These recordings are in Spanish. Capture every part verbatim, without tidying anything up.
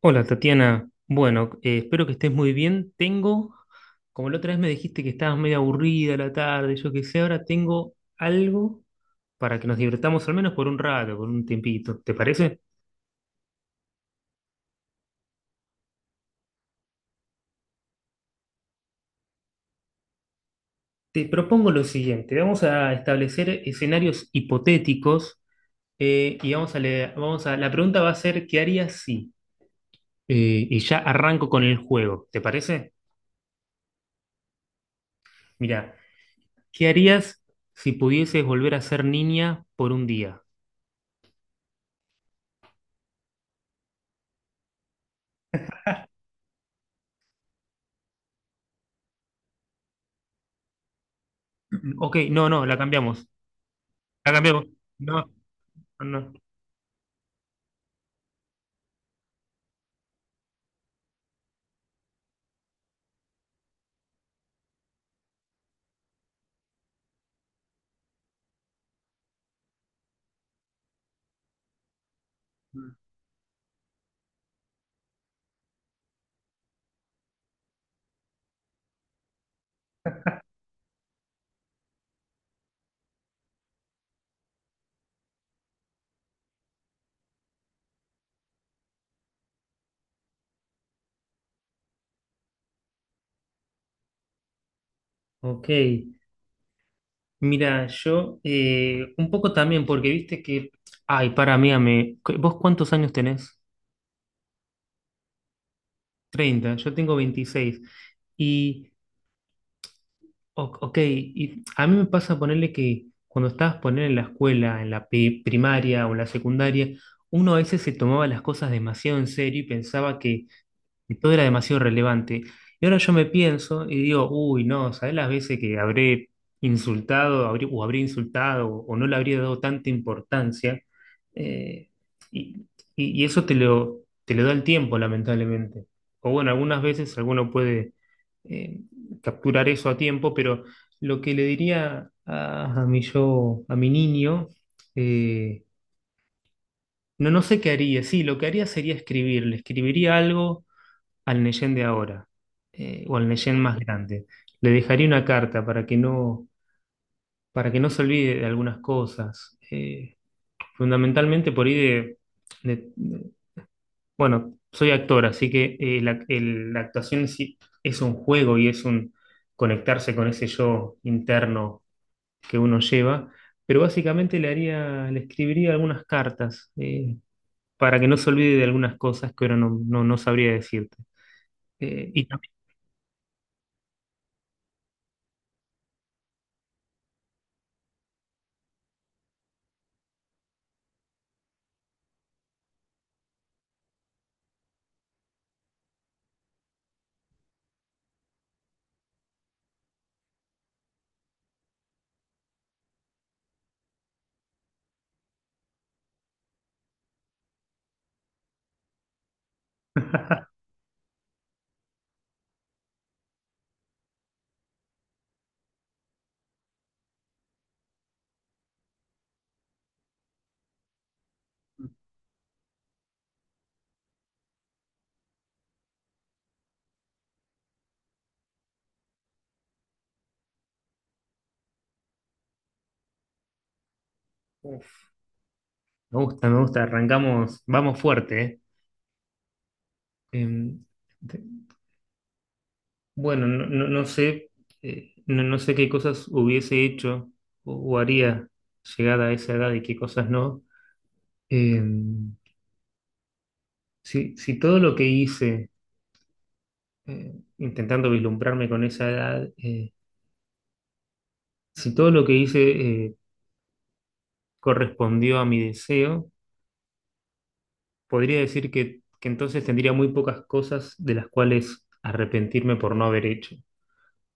Hola Tatiana, bueno, eh, espero que estés muy bien. Tengo, como la otra vez me dijiste que estabas medio aburrida a la tarde, yo qué sé, ahora tengo algo para que nos divirtamos al menos por un rato, por un tiempito, ¿te parece? Te propongo lo siguiente, vamos a establecer escenarios hipotéticos, eh, y vamos a leer, vamos a, la pregunta va a ser, ¿qué harías si? Eh, y ya arranco con el juego, ¿te parece? Mira, ¿qué harías si pudieses volver a ser niña por un día? Ok, no, no, la cambiamos. Ha cambiado. No, no. Ok. Mira, yo, eh, un poco también, porque viste que. Ay, para mí, ame, cu- ¿vos cuántos años tenés? Treinta. Yo tengo veintiséis. Y, o- ok, y a mí me pasa ponerle que cuando estabas poner en la escuela, en la pe- primaria o en la secundaria, uno a veces se tomaba las cosas demasiado en serio y pensaba que y todo era demasiado relevante. Y ahora yo me pienso y digo, uy, no, ¿sabes las veces que habré insultado habré- o habré insultado o no le habría dado tanta importancia? Eh, y, y- y eso te lo, te lo da el tiempo, lamentablemente. O bueno, algunas veces alguno puede, eh, capturar eso a tiempo, pero lo que le diría a, a mi yo, a mi niño, eh, no, no sé qué haría. Sí, lo que haría sería escribirle. Escribiría algo al Neyen de ahora, eh, o al Neyen más grande. Le dejaría una carta para que no, para que no se olvide de algunas cosas. Eh, fundamentalmente por ahí de, de- de- bueno, soy actor, así que, eh, la, el- la actuación sí es un juego y es un conectarse con ese yo interno que uno lleva. Pero básicamente le haría, le escribiría algunas cartas, eh, para que no se olvide de algunas cosas que ahora no, no, no sabría decirte. Eh, y también- Me gusta, me gusta. Arrancamos, vamos fuerte, ¿eh? Em, te- bueno, no, no- no sé, eh, no, no sé qué cosas hubiese hecho o, o haría llegada a esa edad y qué cosas no. Em, si, si todo lo que hice, eh, intentando vislumbrarme con esa edad, eh, si todo lo que hice, eh, correspondió a mi deseo, podría decir que, que entonces tendría muy pocas cosas de las cuales arrepentirme por no haber hecho.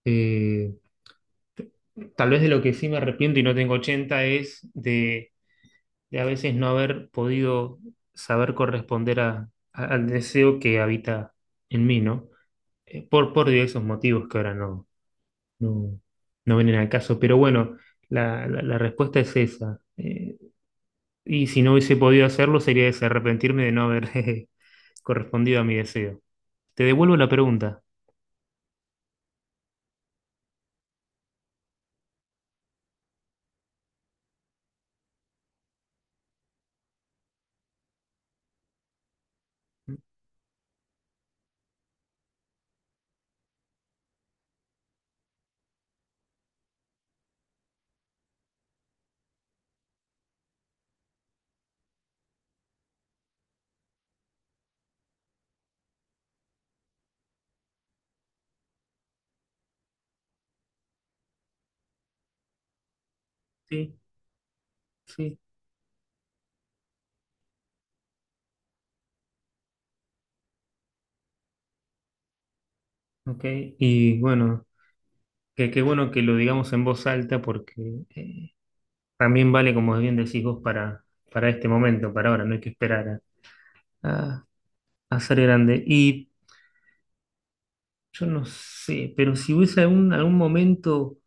Eh, Tal vez de lo que sí me arrepiento y no tengo ochenta es de, de a veces no haber podido saber corresponder a- a- al deseo que habita en mí, ¿no? Eh, por, por diversos motivos que ahora, no, no, no vienen al caso. Pero bueno, la, la- la respuesta es esa. Eh, y si no hubiese podido hacerlo, sería ese, arrepentirme de no haber jeje, correspondido a mi deseo. Te devuelvo la pregunta. Sí, sí, ok. Y bueno, que qué bueno que lo digamos en voz alta porque... eh, también vale, como bien decís vos, para, para este momento, para ahora, no hay que esperar a, a- a ser grande. Y yo no sé, pero si hubiese algún, algún momento,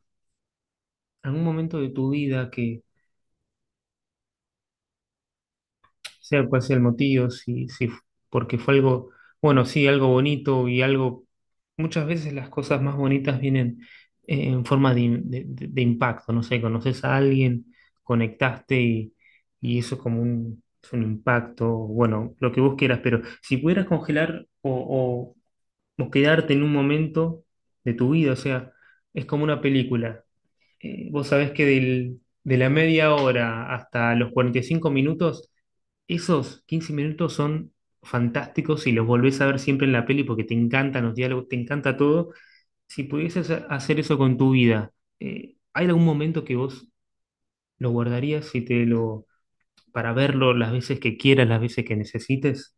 algún momento de tu vida sea cual sea el motivo, si, si, porque fue algo, bueno, sí, algo bonito y algo, muchas veces las cosas más bonitas vienen, eh, en forma de, im- de- de- de impacto, no sé, conoces a alguien, conectaste y, y eso es como un, es un impacto, bueno, lo que vos quieras, pero si pudieras congelar o, o o quedarte en un momento de tu vida, o sea, es como una película. Eh, vos sabés que del- de la media hora hasta los cuarenta y cinco minutos, esos quince minutos son fantásticos y los volvés a ver siempre en la peli porque te encantan los diálogos, te encanta todo. Si pudieses ha- hacer eso con tu vida, eh, ¿hay algún momento que vos lo guardarías y te lo, para verlo las veces que quieras, las veces que necesites?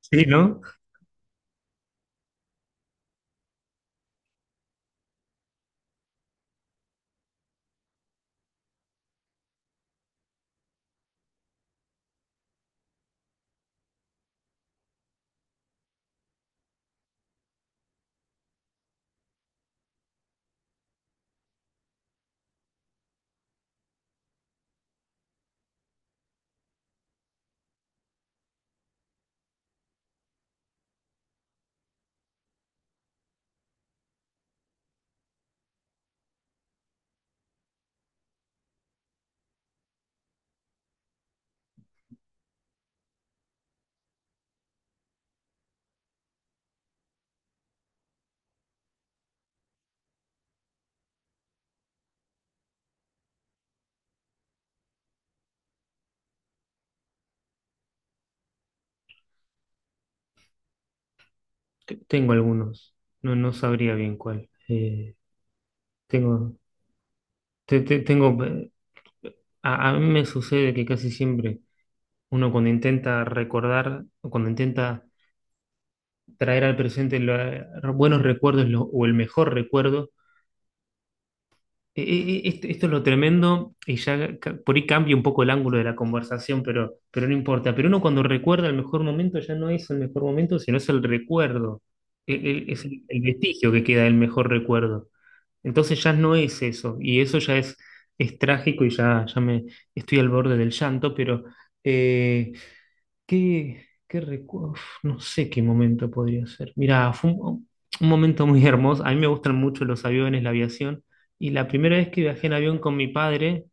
Sí, ¿no? T- Tengo algunos. No, no sabría bien cuál. Eh, tengo, te- te- tengo, eh, a, a mí me sucede que casi siempre uno cuando intenta recordar, o cuando intenta traer al presente los buenos recuerdos, lo- o el mejor recuerdo, e- e- e- esto, esto es lo tremendo y ya, ca- por ahí cambia un poco el ángulo de la conversación, pero, pero no importa. Pero uno cuando recuerda el mejor momento ya no es el mejor momento, sino es el recuerdo, El- el- es el, el vestigio que queda del mejor recuerdo. Entonces ya no es eso y eso ya es, es trágico y ya, ya me estoy al borde del llanto, pero... eh, ¿Qué, qué recu- uf, no sé qué momento podría ser. Mira, fue un, un momento muy hermoso. A mí me gustan mucho los aviones, la aviación. Y la primera vez que viajé en avión con mi padre,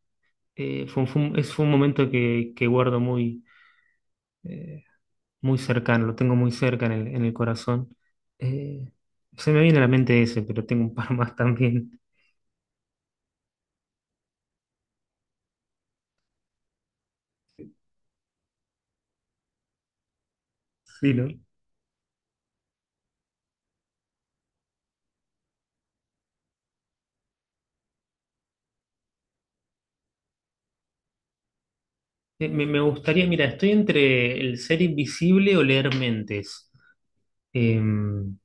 eh, fue, un, fue un- es- fue un momento que, que guardo muy, eh, muy cercano, lo tengo muy cerca en el, en el corazón. Eh, se me viene a la mente ese, pero tengo un par más también. Sí, ¿no? Eh, me, me gustaría, mira, estoy entre el ser invisible o leer mentes. Em,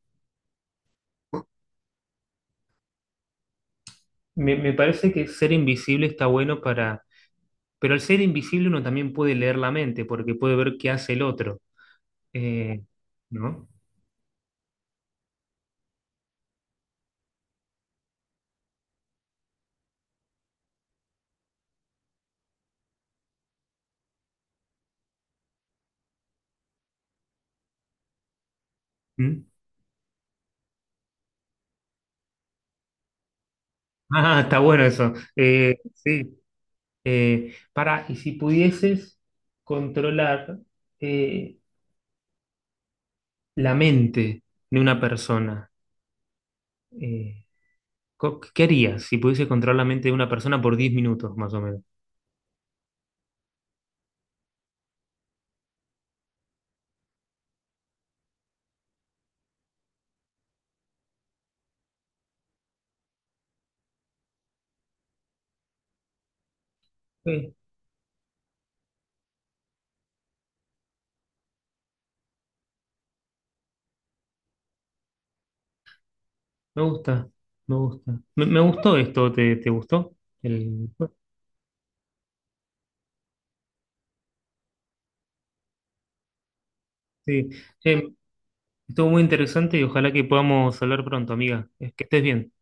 Me, me parece que ser invisible está bueno para... Pero al ser invisible uno también puede leer la mente, porque puede ver qué hace el otro. Eh, ¿no? ¿Mm? Ah, está bueno eso. Eh, sí. Eh, para, y si pudieses controlar, eh, la mente de una persona, eh, co- ¿qué harías si pudieses controlar la mente de una persona por diez minutos, más o menos? Sí, me gusta, me gusta. Me, me gustó esto, ¿te, te gustó? El- sí. Eh, estuvo muy interesante y ojalá que podamos hablar pronto, amiga. Es que estés bien.